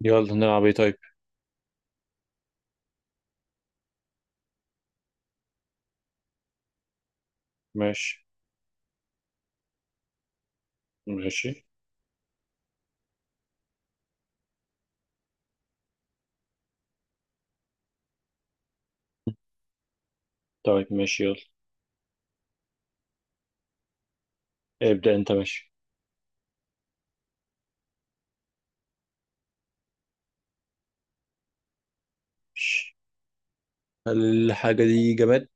يلا نلعب ايه طيب. ماشي. ماشي. طيب ماشي يلا. ابدأ انت ماشي. ماشي. هل الحاجة دي جماد؟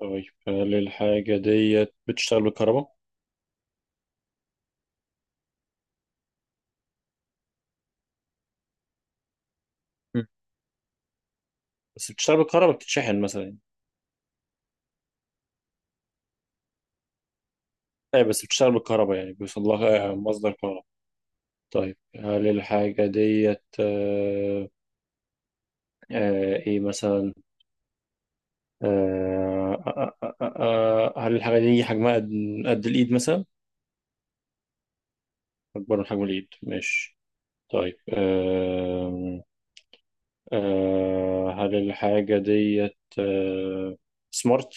طيب هل الحاجة ديت بتشتغل بالكهرباء؟ مم. بس بتشتغل بالكهرباء بتتشحن مثلا يعني. ايه بس بتشتغل بالكهرباء يعني بيوصل لها مصدر كهرباء. طيب هل الحاجة ديت ايه مثلا؟ هل الحاجة دي حجمها قد قد الإيد مثلا؟ أكبر من حجم الإيد ماشي. طيب هل الحاجة ديت سمارت؟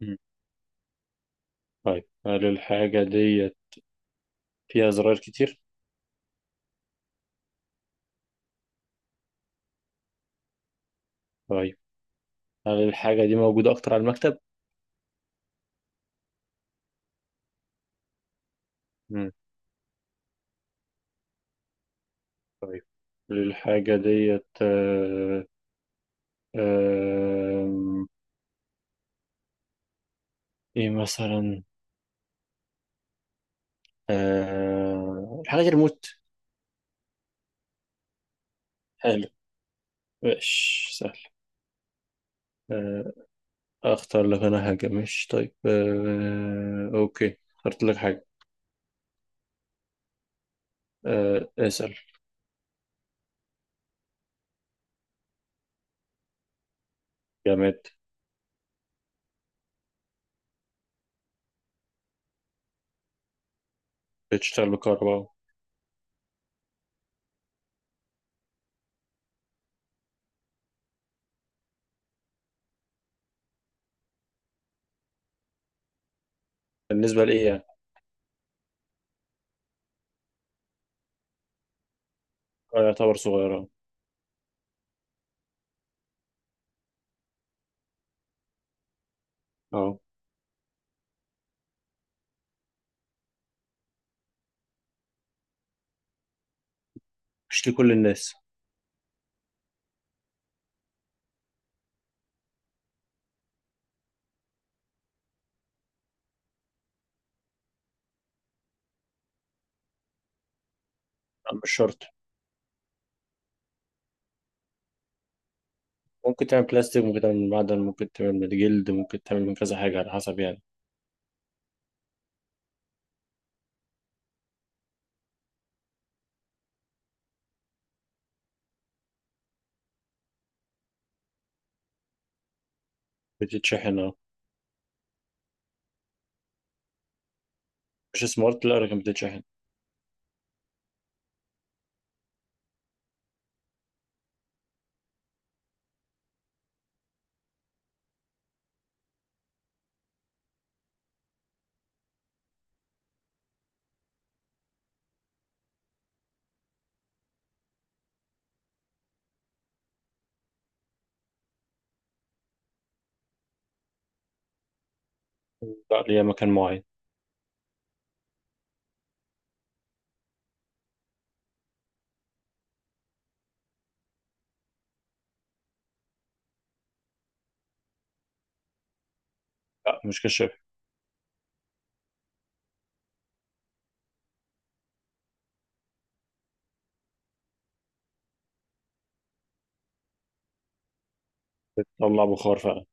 مم. طيب هل الحاجة ديت فيها زراير كتير؟ طيب هل الحاجة دي موجودة أكتر على المكتب؟ مم. طيب هل الحاجة ديت آه، إيه مثلا؟ الحاجة دي ريموت. حلو ماشي سهل. آه، أختار لك أنا حاجة. مش طيب أوكي اخترت لك حاجة. اسأل. جامد. بتشتغل بالكهرباء. بالنسبة لإيه يعني؟ يعتبر صغيرة. اه مش لكل الناس. مش شرط. ممكن تعمل بلاستيك ممكن تعمل من معدن ممكن تعمل من جلد ممكن تعمل من كذا حاجة على حسب يعني. بتتشحن اه. مش سمارت لا لكن بتتشحن. لا ليها مكان معين. لا مش كشاف. بتطلع بخار فعلا.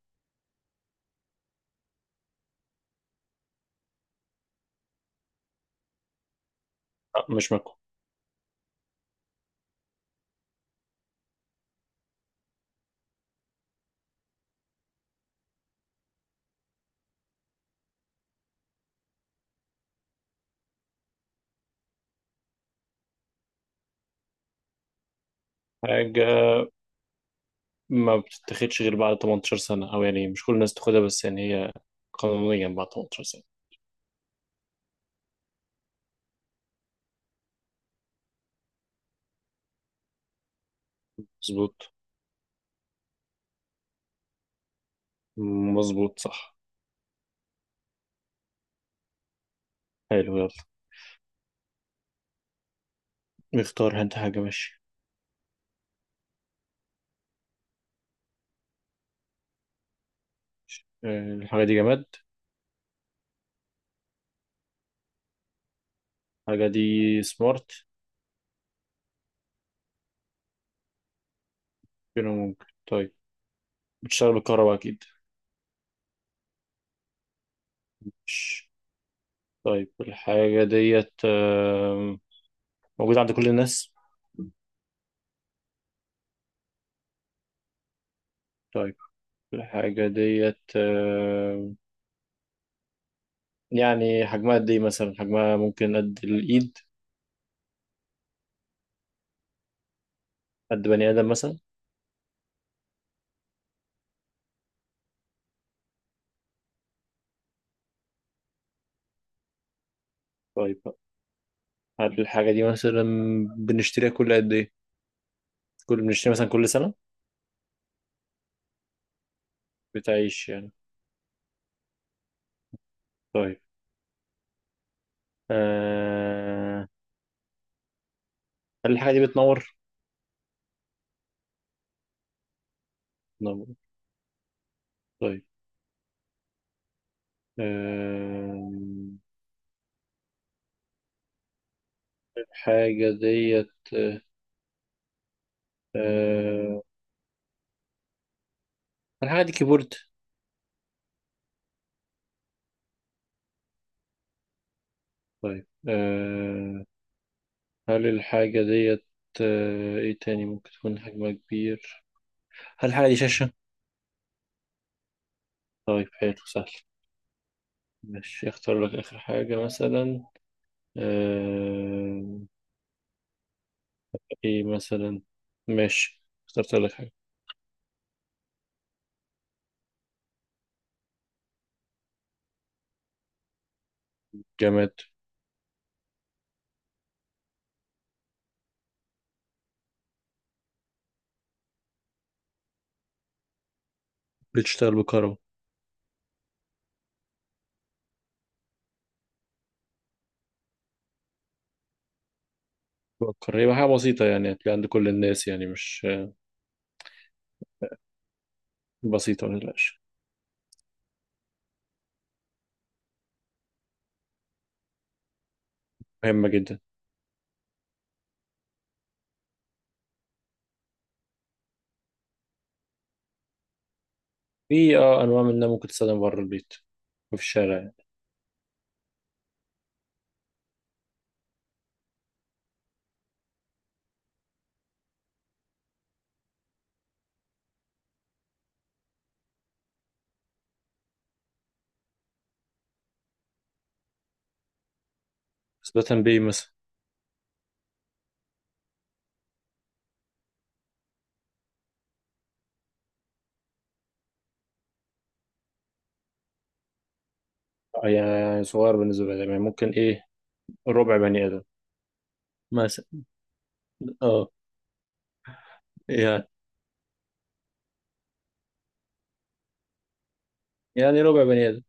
لا مش مكوى. حاجة ما بتتاخدش غير بعد 18 سنة أو يعني مش كل الناس تاخدها بس يعني هي قانونيا بعد 18 سنة. مظبوط. مظبوط صح. حلو يلا. نختار انت حاجة ماشي. الحاجة دي جماد. الحاجة دي سمارت. كده ممكن. طيب بتشتغل بالكهرباء أكيد. مش- طيب الحاجة ديت موجودة عند كل الناس. طيب الحاجة ديت يعني حجمها قد إيه مثلا، حجمها ممكن قد الإيد. قد بني آدم مثلا. طيب هل الحاجة دي مثلا بنشتريها كل قد إيه، كل بنشتريها مثلا كل سنة. بتعيش يعني. طيب آه، هل الحاجة دي بتنور؟ بتنور. طيب آم، الحاجة ديت أه الحاجة دي كيبورد. طيب أه هل الحاجة ديت أه ايه تاني ممكن تكون حجمها كبير. هل الحاجة دي شاشة؟ طيب حلو سهل. ماشي اختار لك آخر حاجة مثلا. أه ايه مثلا. ماشي اخترت لك حاجة. جماد. بتشتغل بكهرباء. بفكر هي حاجة بسيطة يعني هتلاقي عند كل الناس يعني مش بسيطة متقلقش. مهمة جدا. في اه أنواع منها ممكن تستخدم بره البيت وفي الشارع يعني. بس ده تنبيه مثلا. يعني صغير بالنسبة لي يعني ممكن إيه ربع بني آدم مثلا. أه يعني. يعني ربع بني آدم.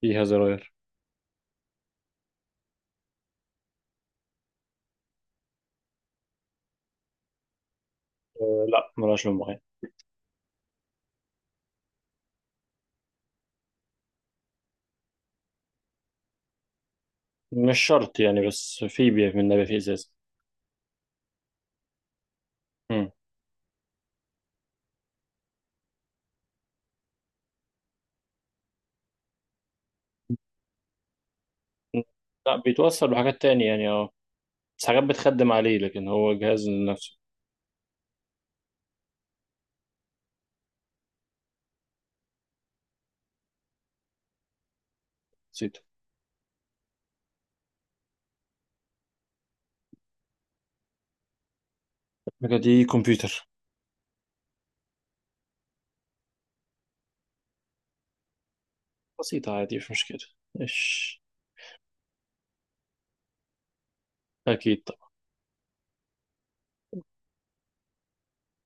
فيها زراير. أه لا ملهاش لون معين. مش شرط يعني بس في من نبات في إزازة. مم. لا بيتوصل بحاجات تانية يعني أه بس حاجات بتخدم عليه لكن هو جهاز لنفسه. بسيطة. الحاجة دي كمبيوتر. بسيطة عادي مش مشكلة. إيش. أكيد.